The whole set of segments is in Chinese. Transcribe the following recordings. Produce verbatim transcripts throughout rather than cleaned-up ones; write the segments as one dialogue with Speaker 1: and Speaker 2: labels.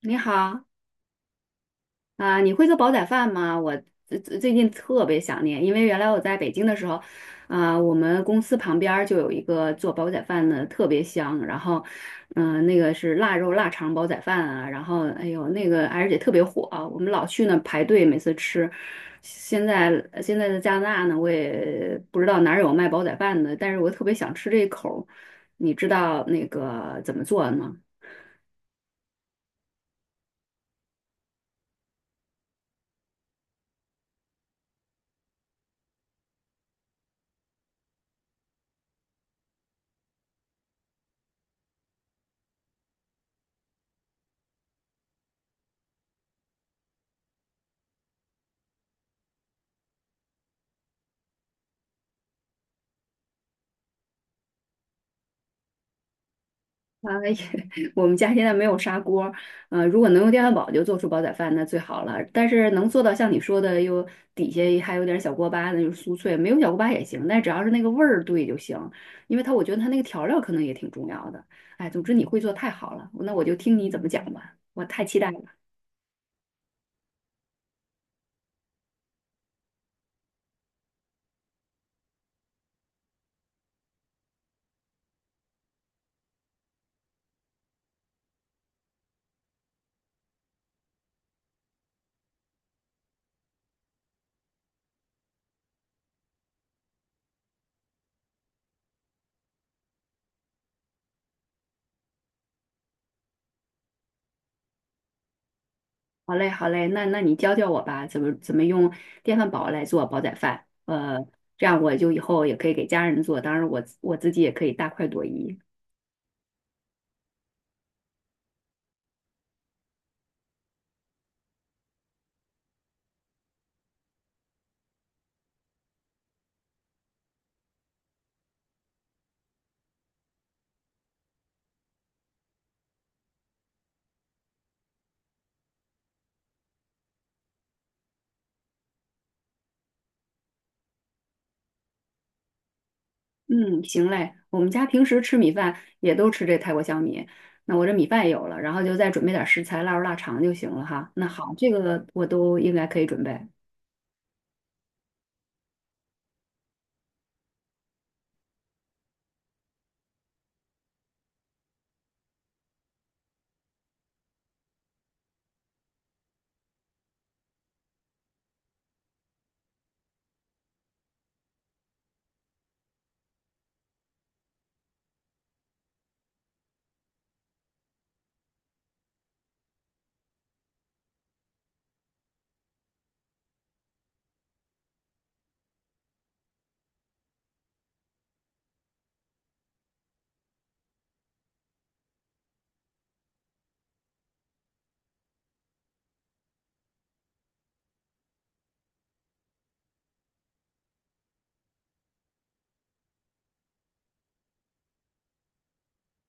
Speaker 1: 你好啊，你会做煲仔饭吗？我最最最近特别想念，因为原来我在北京的时候，啊，我们公司旁边儿就有一个做煲仔饭的，特别香。然后，嗯、那个是腊肉腊肠煲仔饭啊，然后哎呦那个而且特别火啊，我们老去那排队，每次吃。现在现在在加拿大呢，我也不知道哪儿有卖煲仔饭的，但是我特别想吃这一口儿你知道那个怎么做的吗？啊，也 我们家现在没有砂锅儿，呃，如果能用电饭煲就做出煲仔饭，那最好了。但是能做到像你说的，又底下还有点小锅巴，那就是酥脆，没有小锅巴也行，但只要是那个味儿对就行。因为它，我觉得它那个调料可能也挺重要的。哎，总之你会做太好了，那我就听你怎么讲吧，我太期待了。好嘞，好嘞，那那你教教我吧，怎么怎么用电饭煲来做煲仔饭？呃，这样我就以后也可以给家人做，当然我自我自己也可以大快朵颐。嗯，行嘞，我们家平时吃米饭也都吃这泰国香米，那我这米饭有了，然后就再准备点食材，腊肉、腊肠就行了哈。那好，这个我都应该可以准备。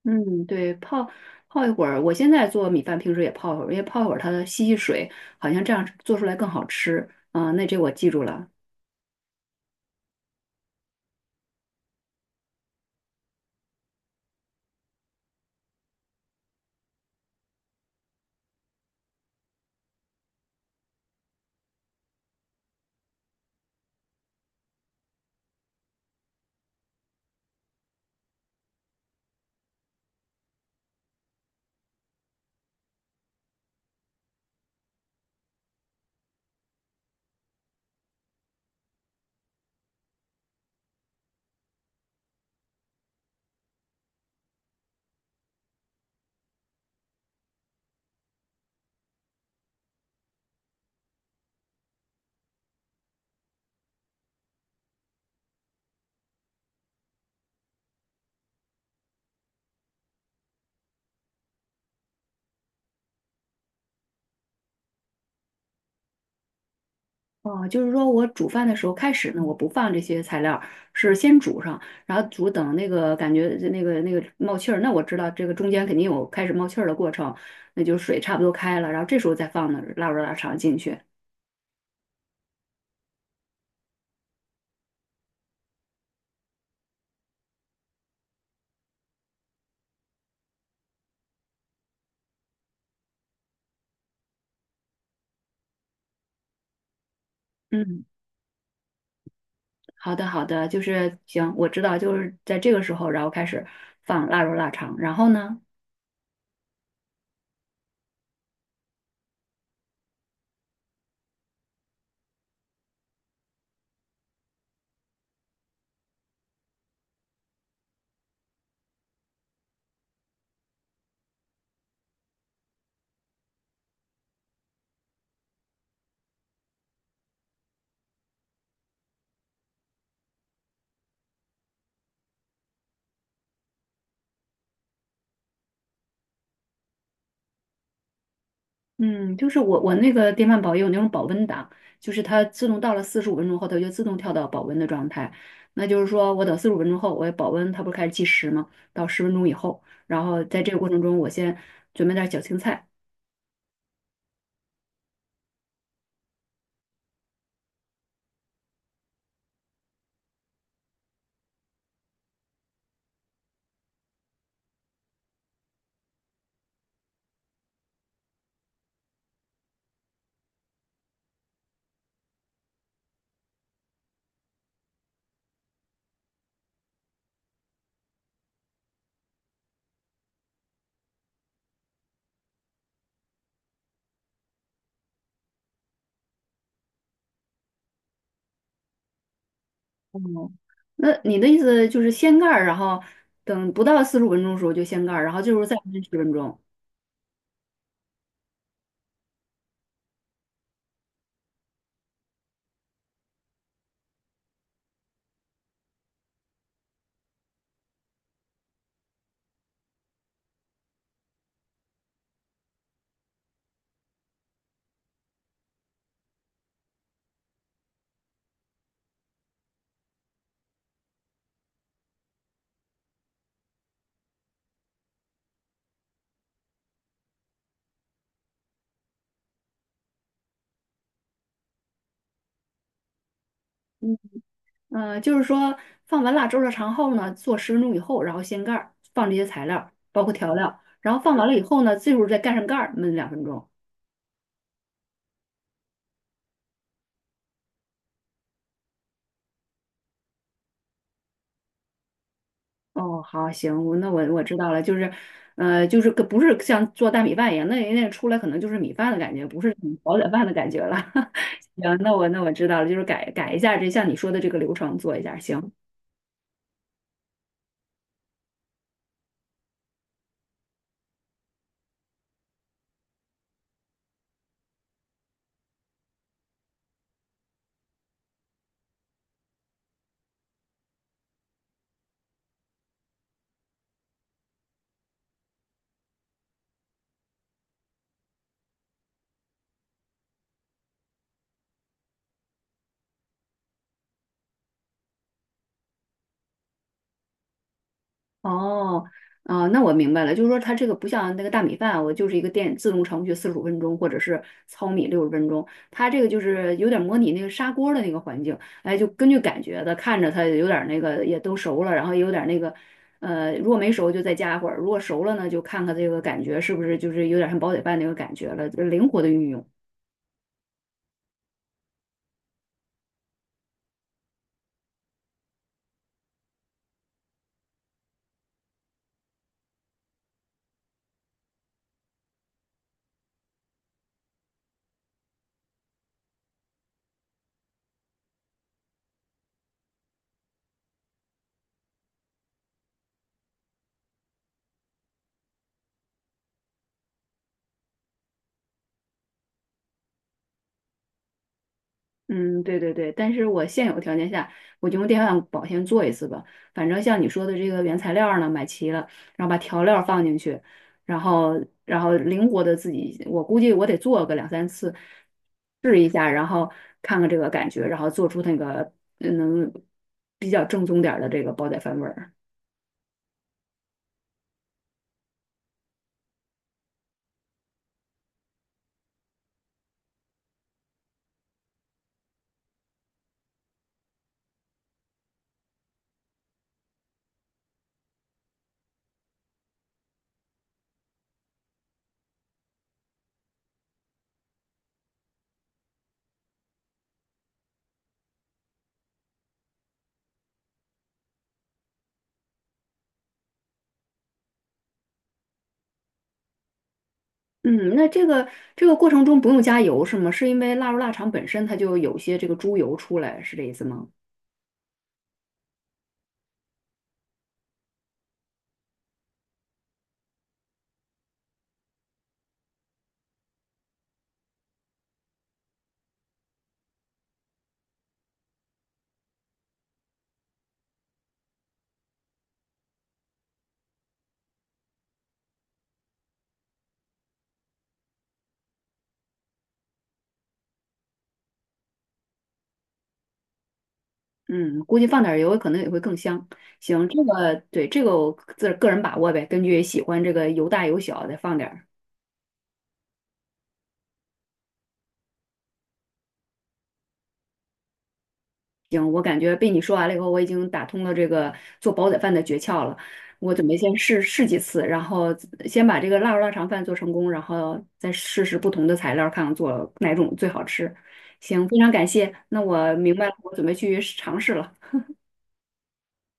Speaker 1: 嗯，对，泡泡一会儿，我现在做米饭，平时也泡一会儿，因为泡一会儿它吸吸水，好像这样做出来更好吃。啊、那这我记住了。哦，就是说我煮饭的时候开始呢，我不放这些材料儿是先煮上，然后煮等那个感觉那个那个冒气儿，那我知道这个中间肯定有开始冒气儿的过程，那就是水差不多开了，然后这时候再放呢腊肉腊肠进去。嗯，好的好的，就是行，我知道就是在这个时候，然后开始放腊肉腊肠，然后呢？嗯，就是我我那个电饭煲也有那种保温档，就是它自动到了四十五分钟后，它就自动跳到保温的状态。那就是说我等四十五分钟后，我保温，它不是开始计时吗？到十分钟以后，然后在这个过程中，我先准备点儿小青菜。哦，那你的意思就是掀盖儿，然后等不到四十五分钟的时候就掀盖儿，然后就是再焖十分钟。嗯，嗯呃就是说放完腊猪肉肠后呢，做十分钟以后，然后掀盖儿，放这些材料，包括调料，然后放完了以后呢，最后再盖上盖儿，焖两分钟。哦，好，行，我那我我知道了，就是，呃，就是个不是像做大米饭一样，那那出来可能就是米饭的感觉，不是那种煲仔饭的感觉了。行，那我那我知道了，就是改改一下这像你说的这个流程做一下，行。哦，啊、那我明白了，就是说它这个不像那个大米饭，我就是一个电自动程序四十五分钟，或者是糙米六十分钟，它这个就是有点模拟那个砂锅的那个环境，哎，就根据感觉的，看着它有点那个也都熟了，然后也有点那个，呃，如果没熟就再加一会儿，如果熟了呢，就看看这个感觉是不是就是有点像煲仔饭那个感觉了，灵活的运用。嗯，对对对，但是我现有条件下，我就用电饭煲先做一次吧。反正像你说的这个原材料儿呢，买齐了，然后把调料儿放进去，然后然后灵活的自己，我估计我得做个两三次，试一下，然后看看这个感觉，然后做出那个呃能比较正宗点儿的这个煲仔饭味儿。嗯，那这个这个过程中不用加油是吗？是因为腊肉腊肠本身它就有些这个猪油出来，是这意思吗？嗯，估计放点儿油可能也会更香。行，这个对这个我自个人把握呗，根据喜欢这个油大油小再放点儿。行，我感觉被你说完了以后，我已经打通了这个做煲仔饭的诀窍了。我准备先试试几次，然后先把这个腊肉腊肠饭做成功，然后再试试不同的材料，看看做哪种最好吃。行，非常感谢。那我明白了，我准备去尝试了。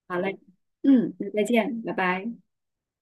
Speaker 1: 好嘞，嗯，那再见，拜拜。